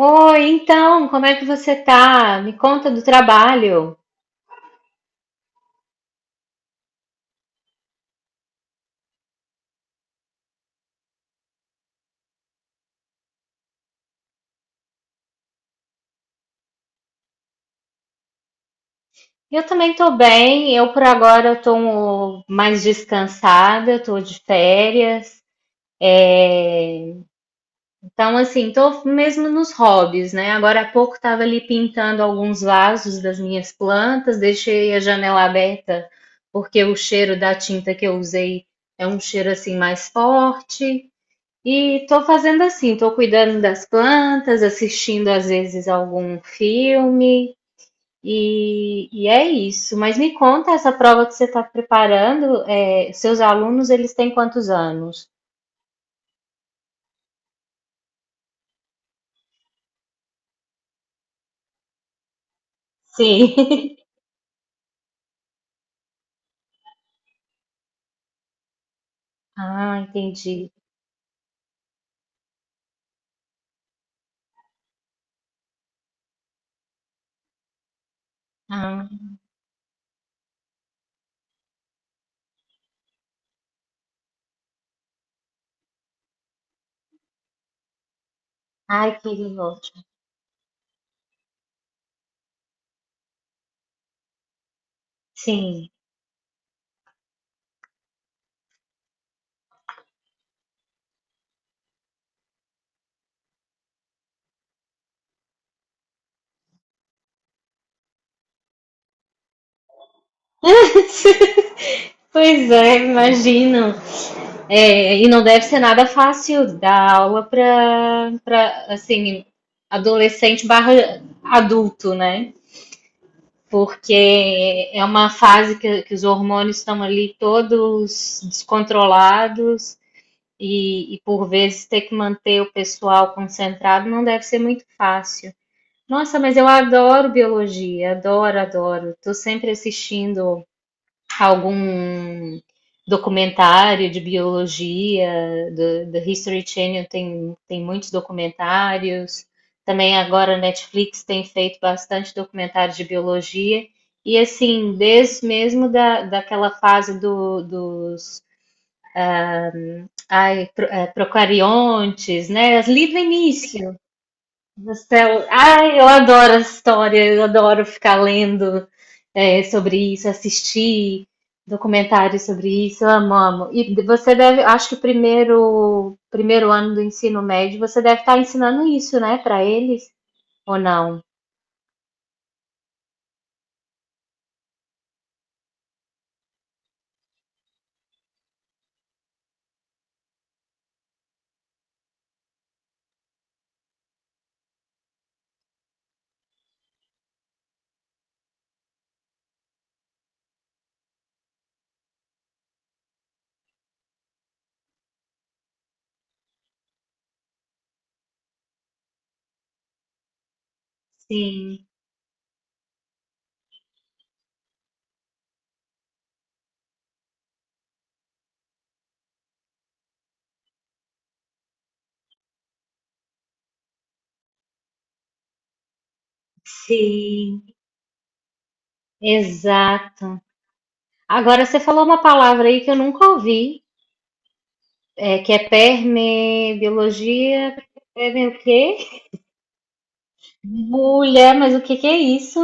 Oi, então, como é que você tá? Me conta do trabalho. Eu também tô bem. Eu por agora eu tô mais descansada, eu tô de férias. Então, assim, tô mesmo nos hobbies, né? Agora há pouco tava ali pintando alguns vasos das minhas plantas, deixei a janela aberta porque o cheiro da tinta que eu usei é um cheiro assim mais forte. E tô fazendo assim, tô cuidando das plantas, assistindo às vezes algum filme. E é isso. Mas me conta essa prova que você está preparando. É, seus alunos, eles têm quantos anos? Sim. Ah, entendi. Ah, ai, que ótimo. Sim. Pois é, imagino. É, e não deve ser nada fácil dar aula para assim adolescente barra adulto, né? Porque é uma fase que os hormônios estão ali todos descontrolados. E por vezes ter que manter o pessoal concentrado não deve ser muito fácil. Nossa, mas eu adoro biologia, adoro, adoro. Estou sempre assistindo algum documentário de biologia, do History Channel tem muitos documentários. Também agora a Netflix tem feito bastante documentário de biologia. E assim, desde mesmo daquela fase do, dos procariontes, né? As Livro Início. Ai, eu adoro essa história, eu adoro ficar lendo sobre isso, assistir documentários sobre isso, eu amo, amo. E você deve, acho que o primeiro ano do ensino médio, você deve estar ensinando isso, né, para eles, ou não? Sim, sim, exato. Agora, você falou uma palavra aí que eu nunca ouvi, que é permebiologia, perme o quê? Mulher, mas o que que é isso?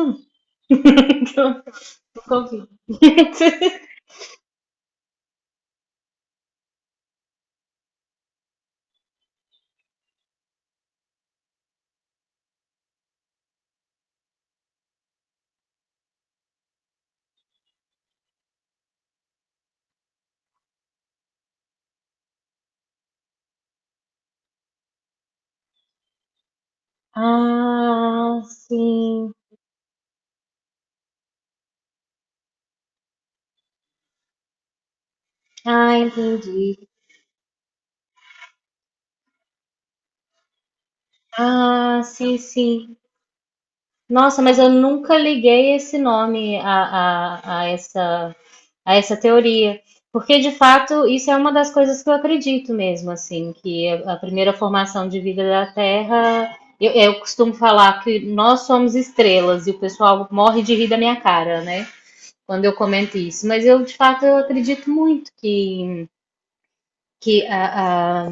Eu nunca ouvi. Ah, sim. Ah, entendi. Ah, sim, sim. Nossa, mas eu nunca liguei esse nome a essa teoria. Porque, de fato, isso é uma das coisas que eu acredito mesmo, assim, que a primeira formação de vida da Terra. Eu costumo falar que nós somos estrelas e o pessoal morre de rir da minha cara, né? Quando eu comento isso, mas eu de fato eu acredito muito que a, a,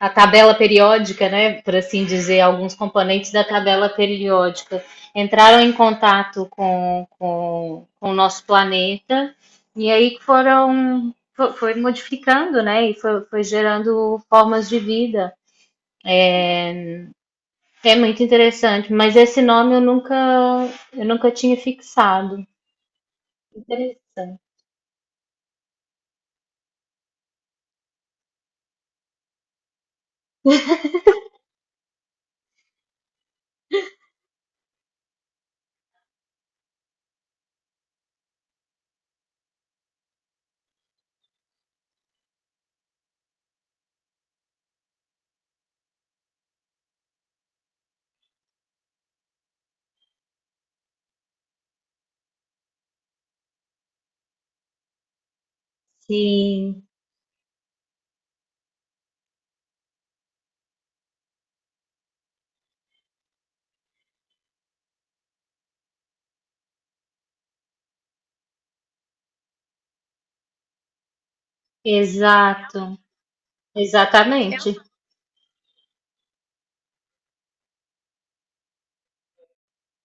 a tabela periódica, né, por assim dizer, alguns componentes da tabela periódica entraram em contato com o nosso planeta e aí foram foi modificando, né, e foi gerando formas de vida. É muito interessante, mas esse nome eu nunca tinha fixado. Interessante. Sim, exato. Exatamente.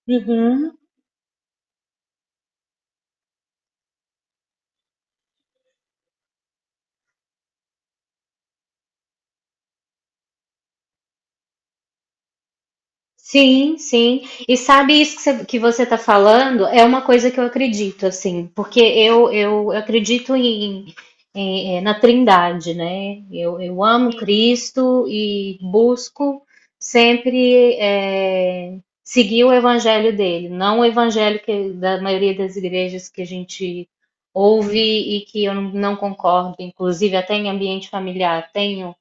Uhum. Sim, sim. E sabe isso que você está falando? É uma coisa que eu acredito, assim, porque eu acredito na Trindade, né? Eu amo Cristo e busco sempre seguir o evangelho dele, não o evangelho que, da maioria das igrejas que a gente ouve e que eu não concordo, inclusive até em ambiente familiar. Tenho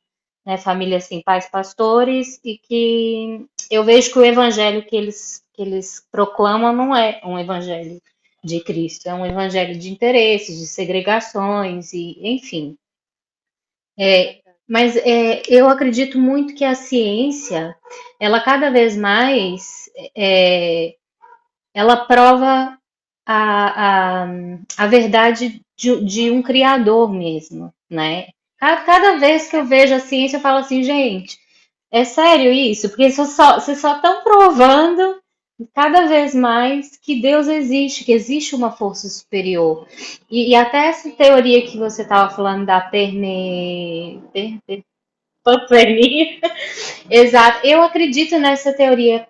né, família assim, pais pastores, e que eu vejo que o evangelho que eles proclamam não é um evangelho de Cristo, é um evangelho de interesses, de segregações, e enfim. É, mas eu acredito muito que a ciência, ela cada vez mais é, ela prova a, a, a verdade de um criador mesmo, né? Cada vez que eu vejo a ciência, eu falo assim, gente, é sério isso? Porque vocês só estão provando cada vez mais que Deus existe, que existe uma força superior. E até essa teoria que você estava falando da panpania, exato, eu acredito nessa teoria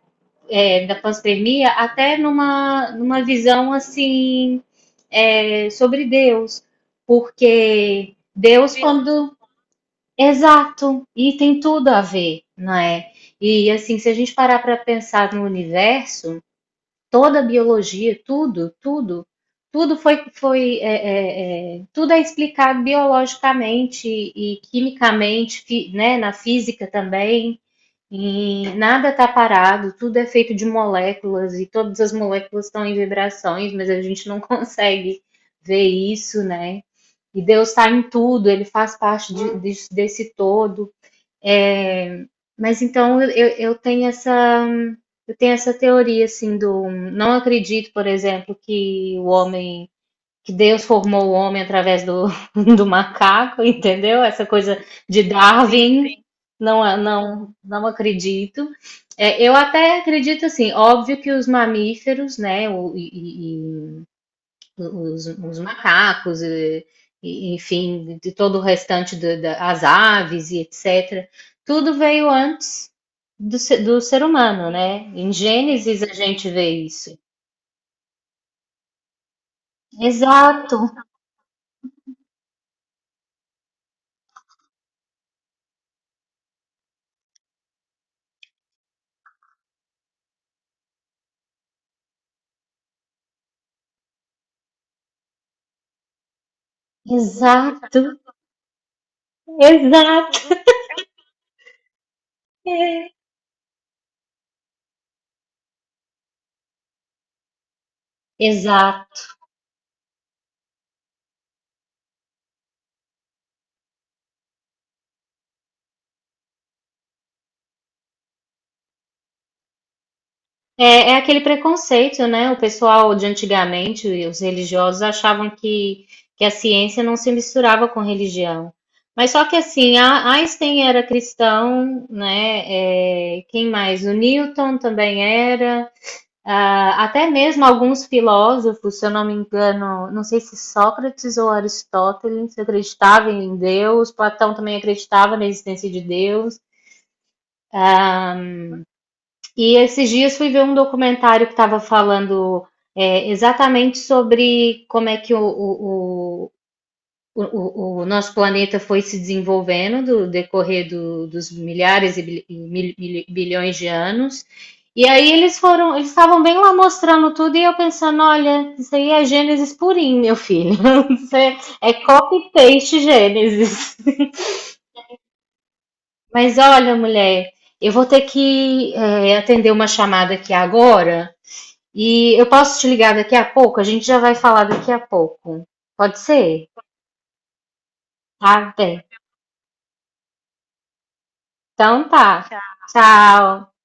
da pós-pandemia, até numa visão assim sobre Deus, porque Deus quando exato e tem tudo a ver, não é? E assim, se a gente parar para pensar no universo, toda a biologia, tudo, tudo, tudo foi, foi é, é, é, tudo é explicado biologicamente e quimicamente, né, na física também. E nada está parado, tudo é feito de moléculas e todas as moléculas estão em vibrações, mas a gente não consegue ver isso, né? E Deus está em tudo, Ele faz parte desse todo. É, mas então eu tenho essa teoria assim do não acredito, por exemplo, que o homem que Deus formou o homem através do, do macaco, entendeu? Essa coisa de Darwin, não, não acredito. É, eu até acredito assim, óbvio que os mamíferos, né, e os macacos, enfim, de todo o restante as aves e etc. Tudo veio antes do, se- do ser humano, né? Em Gênesis a gente vê isso. Exato, exato, exato. É, exato. É aquele preconceito, né? O pessoal de antigamente, os religiosos, achavam que a ciência não se misturava com religião. Mas só que assim, Einstein era cristão, né? É, quem mais? O Newton também era. Ah, até mesmo alguns filósofos, se eu não me engano, não sei se Sócrates ou Aristóteles acreditavam em Deus, Platão também acreditava na existência de Deus. Ah, e esses dias fui ver um documentário que estava falando exatamente sobre como é que o nosso planeta foi se desenvolvendo do decorrer dos milhares e bilhões de anos. E aí eles estavam bem lá mostrando tudo e eu pensando, olha, isso aí é Gênesis purinho, meu filho. Isso é copy-paste Gênesis. Mas olha, mulher, eu vou ter que, atender uma chamada aqui agora. E eu posso te ligar daqui a pouco? A gente já vai falar daqui a pouco. Pode ser? Tá bem. Então tá. Tchau. Tchau.